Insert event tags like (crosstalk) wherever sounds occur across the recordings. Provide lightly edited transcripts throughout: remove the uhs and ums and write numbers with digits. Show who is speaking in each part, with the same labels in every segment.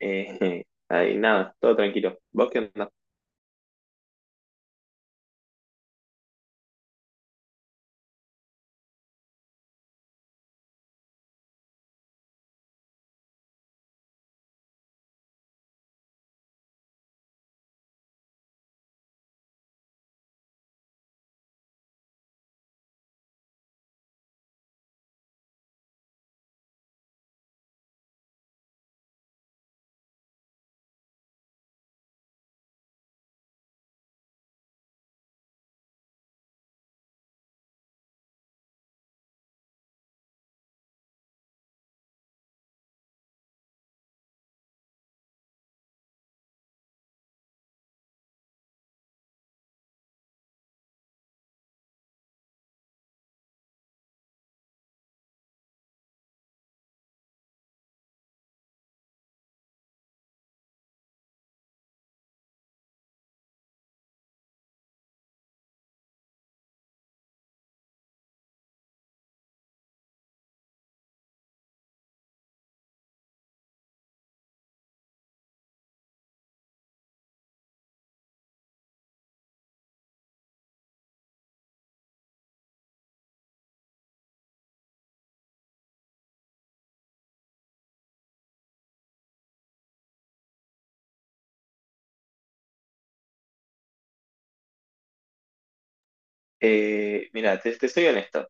Speaker 1: (laughs) Ahí nada, todo tranquilo. ¿Vos qué onda? Mira, te soy honesto.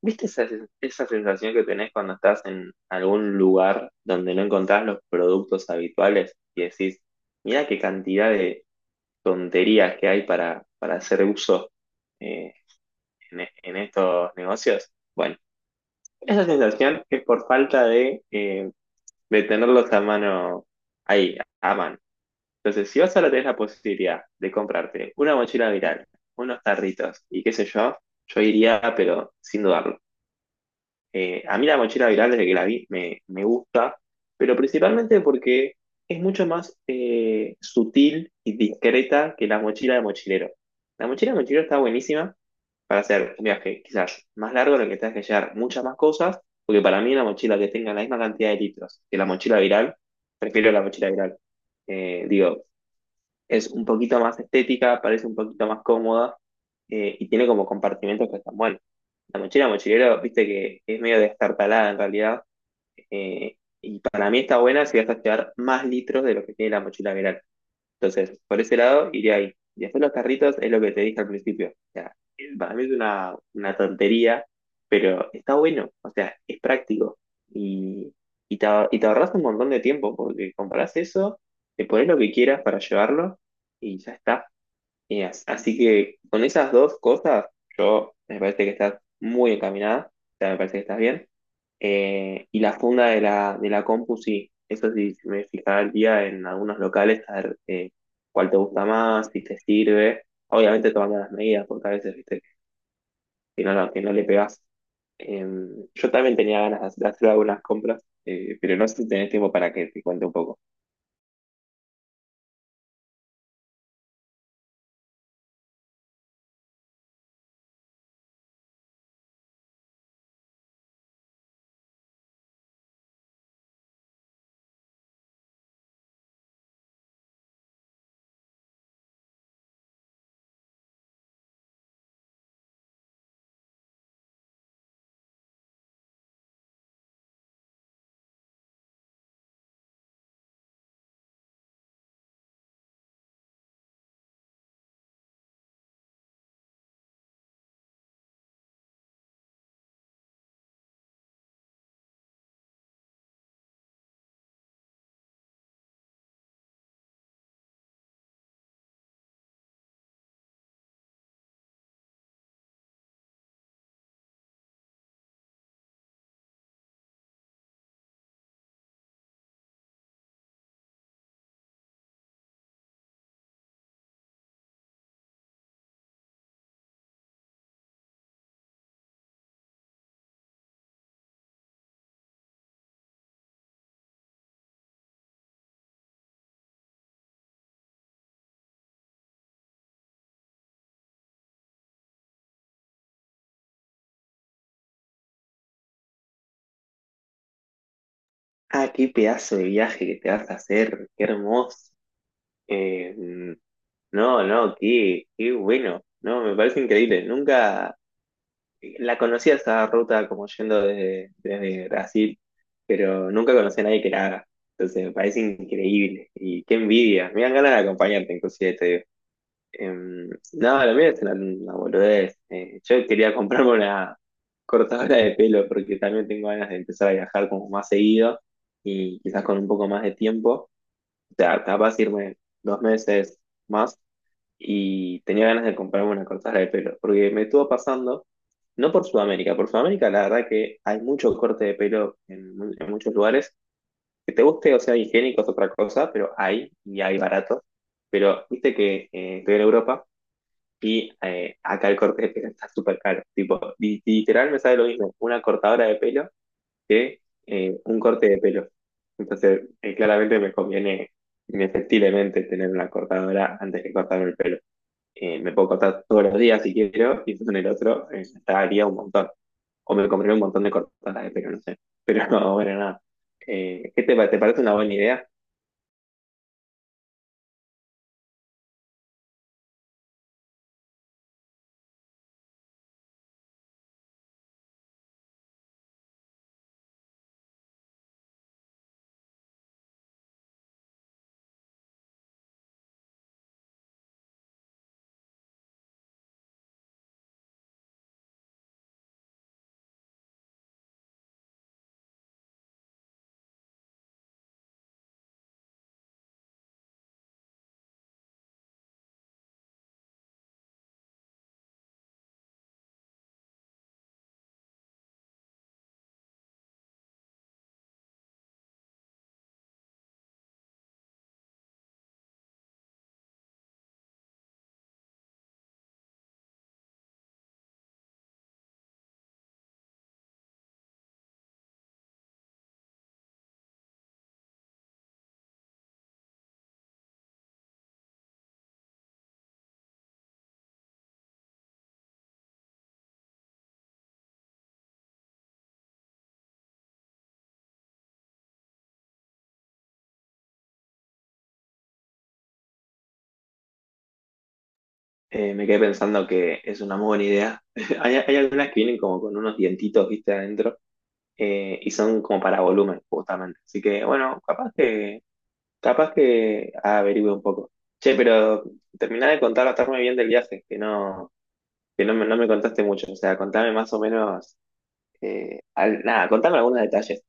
Speaker 1: ¿Viste esa, esa sensación que tenés cuando estás en algún lugar donde no encontrás los productos habituales y decís, mira qué cantidad de tonterías que hay para hacer uso eh, en estos negocios? Bueno, esa sensación es por falta de de tenerlos a mano ahí, a mano. Entonces, si vos ahora tenés la posibilidad de comprarte una mochila viral, unos tarritos y qué sé yo, yo iría, pero sin dudarlo. A mí la mochila viral desde que la vi me gusta, pero principalmente porque es mucho más sutil y discreta que la mochila de mochilero. La mochila de mochilero está buenísima para hacer un viaje quizás más largo en el que tengas que llevar muchas más cosas, porque para mí una mochila que tenga la misma cantidad de litros que la mochila viral, prefiero la mochila viral. Digo, es un poquito más estética, parece un poquito más cómoda y tiene como compartimentos que están buenos. La mochila mochilero, viste que es medio destartalada en realidad y para mí está buena si vas a llevar más litros de lo que tiene la mochila viral. Entonces, por ese lado, iría ahí. Y después los carritos es lo que te dije al principio. O sea, para mí es una tontería, pero está bueno. O sea, es práctico. Y, y te ahorras un montón de tiempo porque compras eso, te pones lo que quieras para llevarlo y ya está. Y así que con esas dos cosas, yo me parece que estás muy encaminada, o sea, me parece que estás bien. Y la funda de de la compu, sí, eso sí, si me fijaría en algunos locales a ver cuál te gusta más, si te sirve. Obviamente tomando las medidas, porque a veces, viste, que no, que no le pegas. Yo también tenía ganas de hacer algunas compras, pero no sé si tenés tiempo para que te cuente un poco. Ah, qué pedazo de viaje que te vas a hacer, qué hermoso. Em, No, no, qué, qué bueno. No, me parece increíble. Nunca la conocía esa ruta como yendo desde Brasil, pero nunca conocí a nadie que la haga. Entonces me parece increíble. Y qué envidia. Me dan ganas de acompañarte, inclusive te digo. No, lo mío es una boludez. Yo quería comprarme una cortadora de pelo porque también tengo ganas de empezar a viajar como más seguido y quizás con un poco más de tiempo. O sea, capaz irme 2 meses más y tenía ganas de comprarme una cortada de pelo, porque me estuvo pasando, no por Sudamérica, por Sudamérica la verdad que hay mucho corte de pelo en, en muchos lugares, que te guste o sea higiénico es otra cosa, pero hay y hay barato, pero viste que estoy en Europa y acá el corte de pelo está súper caro, tipo, literal me sale lo mismo una cortadora de pelo que un corte de pelo, entonces claramente me conviene inefectiblemente tener una cortadora antes que cortarme el pelo me puedo cortar todos los días si quiero, y en el otro gastaría un montón. O me compraría un montón de cortadas de pelo, no sé. (laughs) Pero no, bueno, nada. ¿Qué te, te parece una buena idea? Me quedé pensando que es una muy buena idea. (laughs) Hay algunas que vienen como con unos dientitos, viste, adentro, y son como para volumen, justamente. Así que, bueno, capaz que averigüe un poco. Che, pero terminá de contarme bien del viaje, que no no me contaste mucho. O sea, contame más o menos. Nada, contame algunos detalles.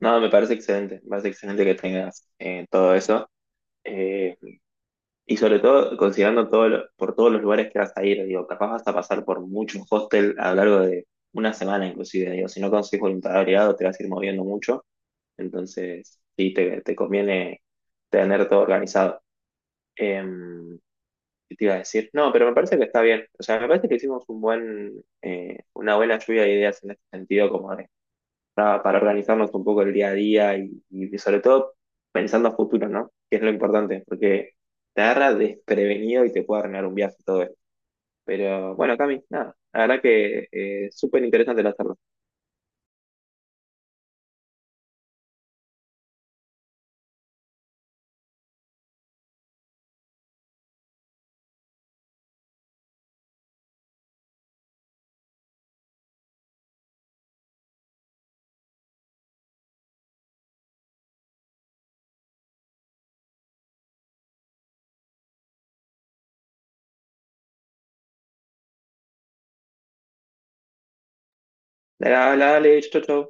Speaker 1: No, me parece excelente que tengas todo eso. Eh, y sobre todo, considerando todo por todos los lugares que vas a ir, digo, capaz vas a pasar por muchos hostels a lo largo de una semana inclusive, digo, si no consigues voluntariado te vas a ir moviendo mucho, entonces sí, te conviene tener todo organizado. Em, ¿Qué te iba a decir? No, pero me parece que está bien, o sea, me parece que hicimos un buen, una buena lluvia de ideas en este sentido, como de para organizarnos un poco el día a día y sobre todo pensando a futuro, ¿no? Que es lo importante, porque te agarra desprevenido y te puede arruinar un viaje y todo eso. Pero bueno, Cami, nada, la verdad que súper interesante la charla. Dale, dale, chau, chau.